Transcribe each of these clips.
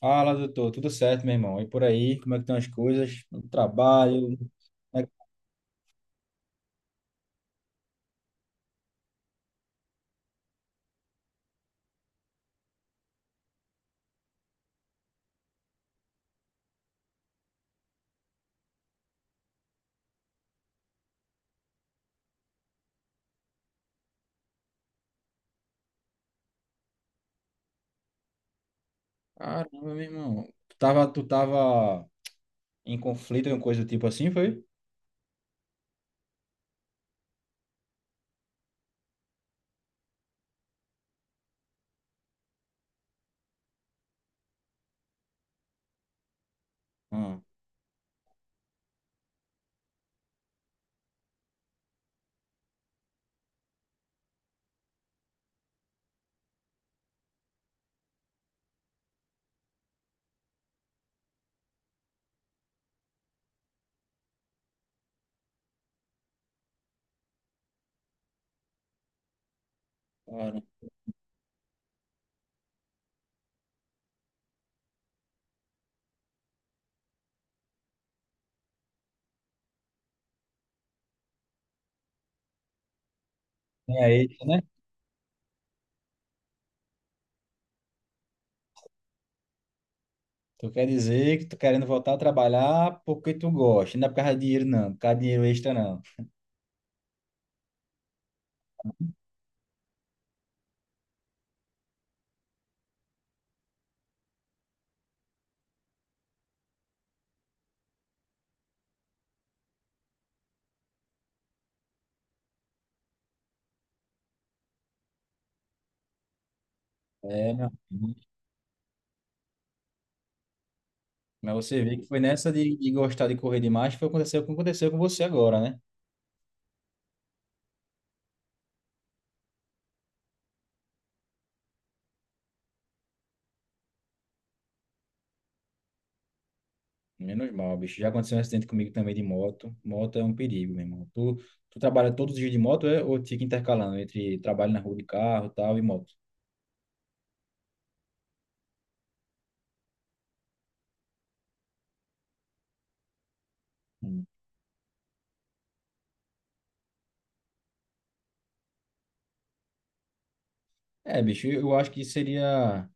Fala, doutor. Tudo certo, meu irmão? E por aí, como é que estão as coisas? No trabalho? É que- Caramba, meu irmão. Tu tava em conflito, alguma coisa do tipo assim, foi? Hum, cara. É isso, né? Tu quer dizer que tu querendo voltar a trabalhar porque tu gosta, não é por causa de dinheiro, não. Por causa de dinheiro extra, não. É, meu irmão. Mas você vê que foi nessa de gostar de correr demais que foi aconteceu, o que aconteceu com você agora, né? Menos mal, bicho. Já aconteceu um acidente comigo também de moto. Moto é um perigo, meu irmão. Tu trabalha todos os dias de moto é, ou fica intercalando entre trabalho na rua de carro, tal, e moto? Hum. É, bicho, eu acho que seria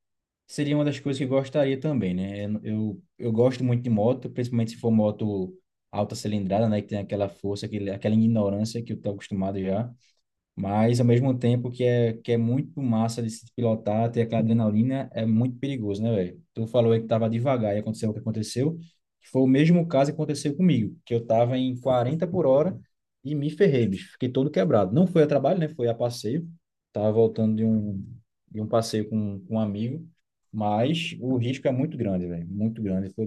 seria uma das coisas que eu gostaria também, né? Eu gosto muito de moto, principalmente se for moto alta cilindrada, né? Que tem aquela força, aquela ignorância que eu tô acostumado já. Mas ao mesmo tempo que é muito massa de se pilotar, ter aquela adrenalina, é muito perigoso, né, velho? Tu falou aí que tava devagar e aconteceu o que aconteceu, que foi o mesmo caso que aconteceu comigo, que eu tava em 40 por hora e me ferrei, bicho. Fiquei todo quebrado. Não foi a trabalho, né? Foi a passeio. Tava voltando de um passeio com um amigo, mas o risco é muito grande, velho. Muito grande. Foi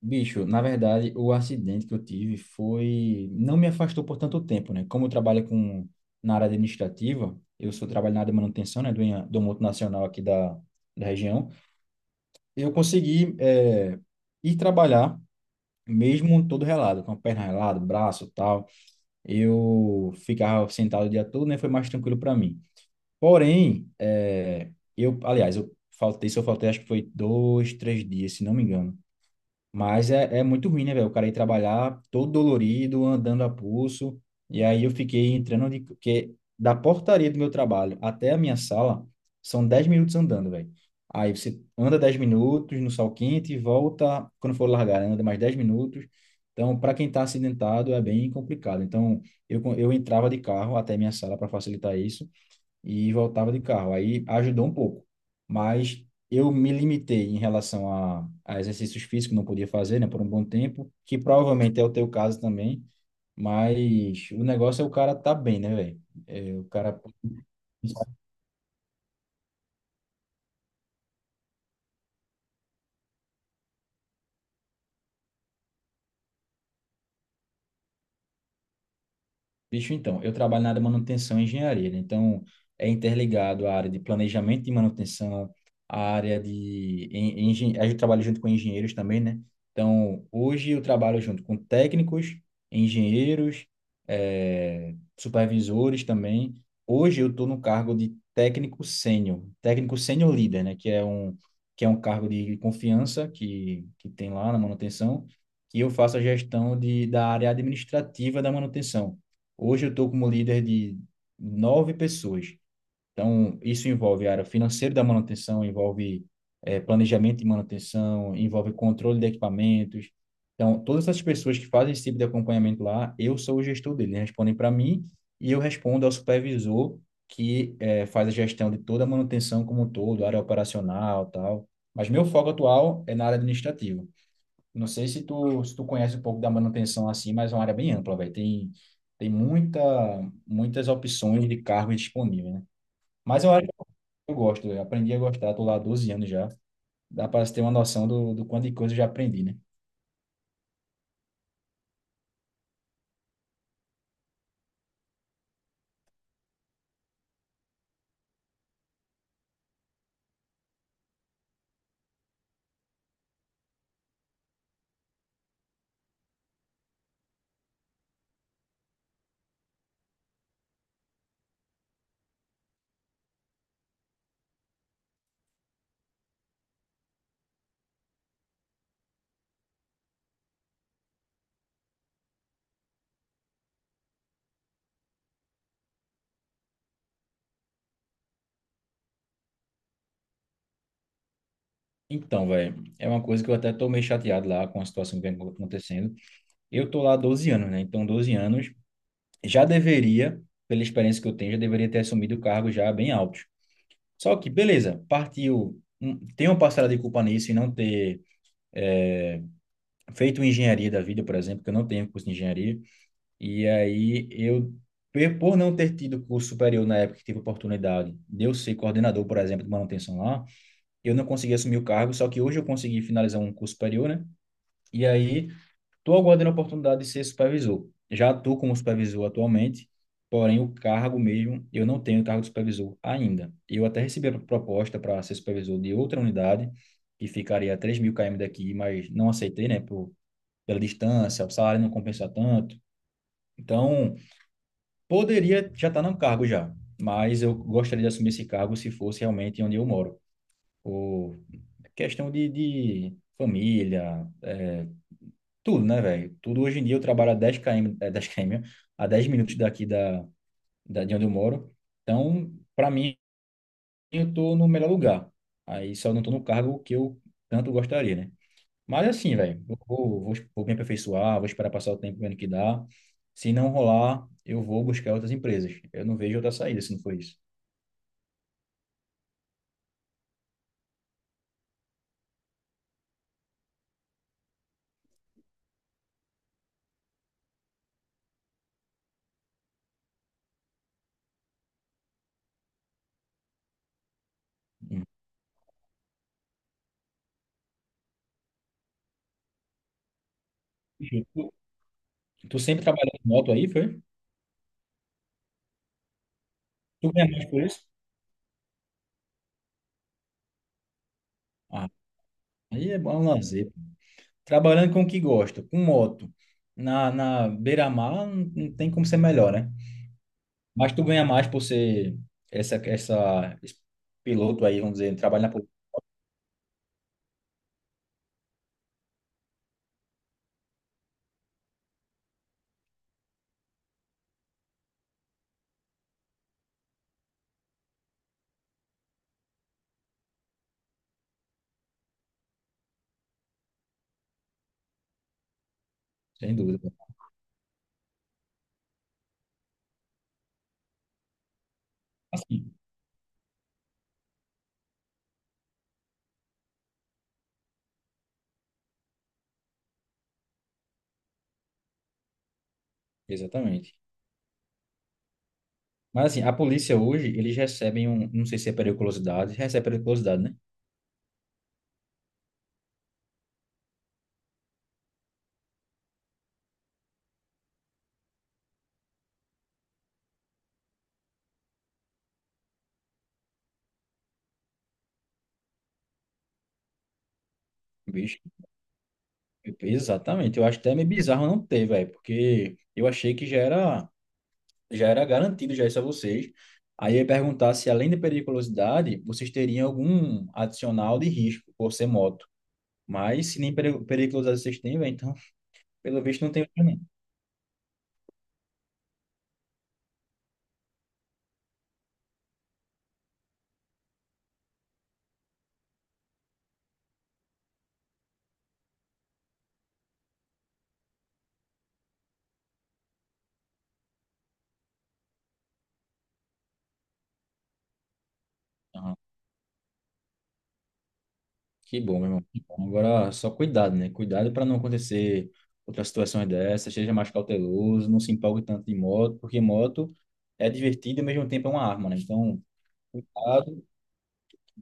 Bicho, na verdade, o acidente que eu tive foi. Não me afastou por tanto tempo, né? Como eu trabalho com, na área administrativa, eu sou trabalho na área de manutenção, né? Do multinacional aqui da região. Eu consegui é ir trabalhar, mesmo todo relado, com a perna relada, braço e tal. Eu ficava sentado o dia todo, né? Foi mais tranquilo para mim. Porém, eu, aliás, eu faltei, se eu faltei, acho que foi dois, três dias, se não me engano. Mas é muito ruim, né, velho? O cara ir trabalhar todo dolorido, andando a pulso. E aí eu fiquei entrando de. Porque da portaria do meu trabalho até a minha sala são 10 minutos andando, velho. Aí você anda 10 minutos no sol quente e volta quando for largar, né? Anda mais 10 minutos. Então, para quem tá acidentado, é bem complicado. Então, eu entrava de carro até a minha sala para facilitar isso e voltava de carro. Aí ajudou um pouco, mas eu me limitei em relação a exercícios físicos, não podia fazer, né, por um bom tempo, que provavelmente é o teu caso também, mas o negócio é o cara tá bem, né, velho? É, o cara. Bicho, então, eu trabalho na área de manutenção e engenharia, né? Então, é interligado a área de planejamento e manutenção, a área de... en- engen- a gente trabalha junto com engenheiros também, né? Então, hoje eu trabalho junto com técnicos, engenheiros, supervisores também. Hoje eu estou no cargo de técnico sênior líder, né? Que é um cargo de confiança que tem lá na manutenção, que eu faço a gestão da área administrativa da manutenção. Hoje eu estou como líder de nove pessoas. Então, isso envolve a área financeira da manutenção, envolve planejamento de manutenção, envolve controle de equipamentos. Então, todas essas pessoas que fazem esse tipo de acompanhamento lá, eu sou o gestor dele, eles respondem para mim e eu respondo ao supervisor que faz a gestão de toda a manutenção como um todo, área operacional, tal. Mas meu foco atual é na área administrativa. Não sei se tu, conhece um pouco da manutenção assim, mas é uma área bem ampla, velho. Tem muitas opções de cargo disponível, né? Mas é uma área que eu gosto, eu aprendi a gostar, tô lá há 12 anos já. Dá para ter uma noção do quanto de coisa eu já aprendi, né? Então, velho, é uma coisa que eu até tô meio chateado lá com a situação que vem acontecendo. Eu tô lá há 12 anos, né? Então, 12 anos já deveria, pela experiência que eu tenho, já deveria ter assumido o cargo já bem alto. Só que, beleza, partiu. Tem uma parcela de culpa nisso e não ter feito engenharia da vida, por exemplo, que eu não tenho curso de engenharia, e aí eu, por não ter tido curso superior na época que tive oportunidade de eu ser coordenador, por exemplo, de manutenção lá, eu não consegui assumir o cargo, só que hoje eu consegui finalizar um curso superior, né? E aí estou aguardando a oportunidade de ser supervisor. Já estou como supervisor atualmente, porém o cargo mesmo, eu não tenho cargo de supervisor ainda. Eu até recebi a proposta para ser supervisor de outra unidade, que ficaria a 3 mil km daqui, mas não aceitei, né, por pela distância, o salário não compensa tanto. Então, poderia já estar num cargo já, mas eu gostaria de assumir esse cargo se fosse realmente onde eu moro. Por questão de família, é, tudo, né, velho? Tudo hoje em dia eu trabalho a 10 km, 10 km, a 10 minutos daqui de onde eu moro. Então, para mim, eu estou no melhor lugar. Aí só não estou no cargo que eu tanto gostaria, né? Mas assim, velho, eu vou me aperfeiçoar, vou esperar passar o tempo vendo que dá. Se não rolar, eu vou buscar outras empresas. Eu não vejo outra saída se não for isso. Hum. Tu, tu sempre trabalhou em moto aí, foi? Tu ganha mais por isso? Ah, aí é bom é um lazer. Trabalhando com o que gosta, com moto, na beira-mar, não, não tem como ser melhor, né? Mas tu ganha mais por ser esse piloto aí, vamos dizer, trabalha na polícia, sem dúvida. Assim, exatamente. Mas assim, a polícia hoje, eles recebem um, não sei se é periculosidade, recebe periculosidade, né? Bicho, exatamente. Eu acho até meio bizarro não ter, velho, porque eu achei que já era garantido já isso a vocês. Aí eu ia perguntar se além de periculosidade, vocês teriam algum adicional de risco por ser moto. Mas se nem periculosidade vocês têm, velho, então, pelo visto não tem outro, não. Que bom, meu irmão. Que bom. Agora, só cuidado, né? Cuidado para não acontecer outras situações dessas, seja mais cauteloso, não se empolgue tanto de moto, porque moto é divertida e ao mesmo tempo é uma arma, né? Então, cuidado,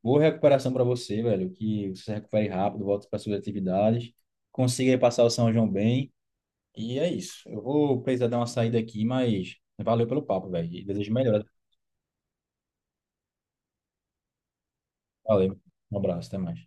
boa recuperação para você, velho, que você se recupere rápido, volte para suas atividades, consiga aí passar o São João bem, e é isso. Eu vou precisar dar uma saída aqui, mas valeu pelo papo, velho, e desejo melhor. Valeu, um abraço, até mais.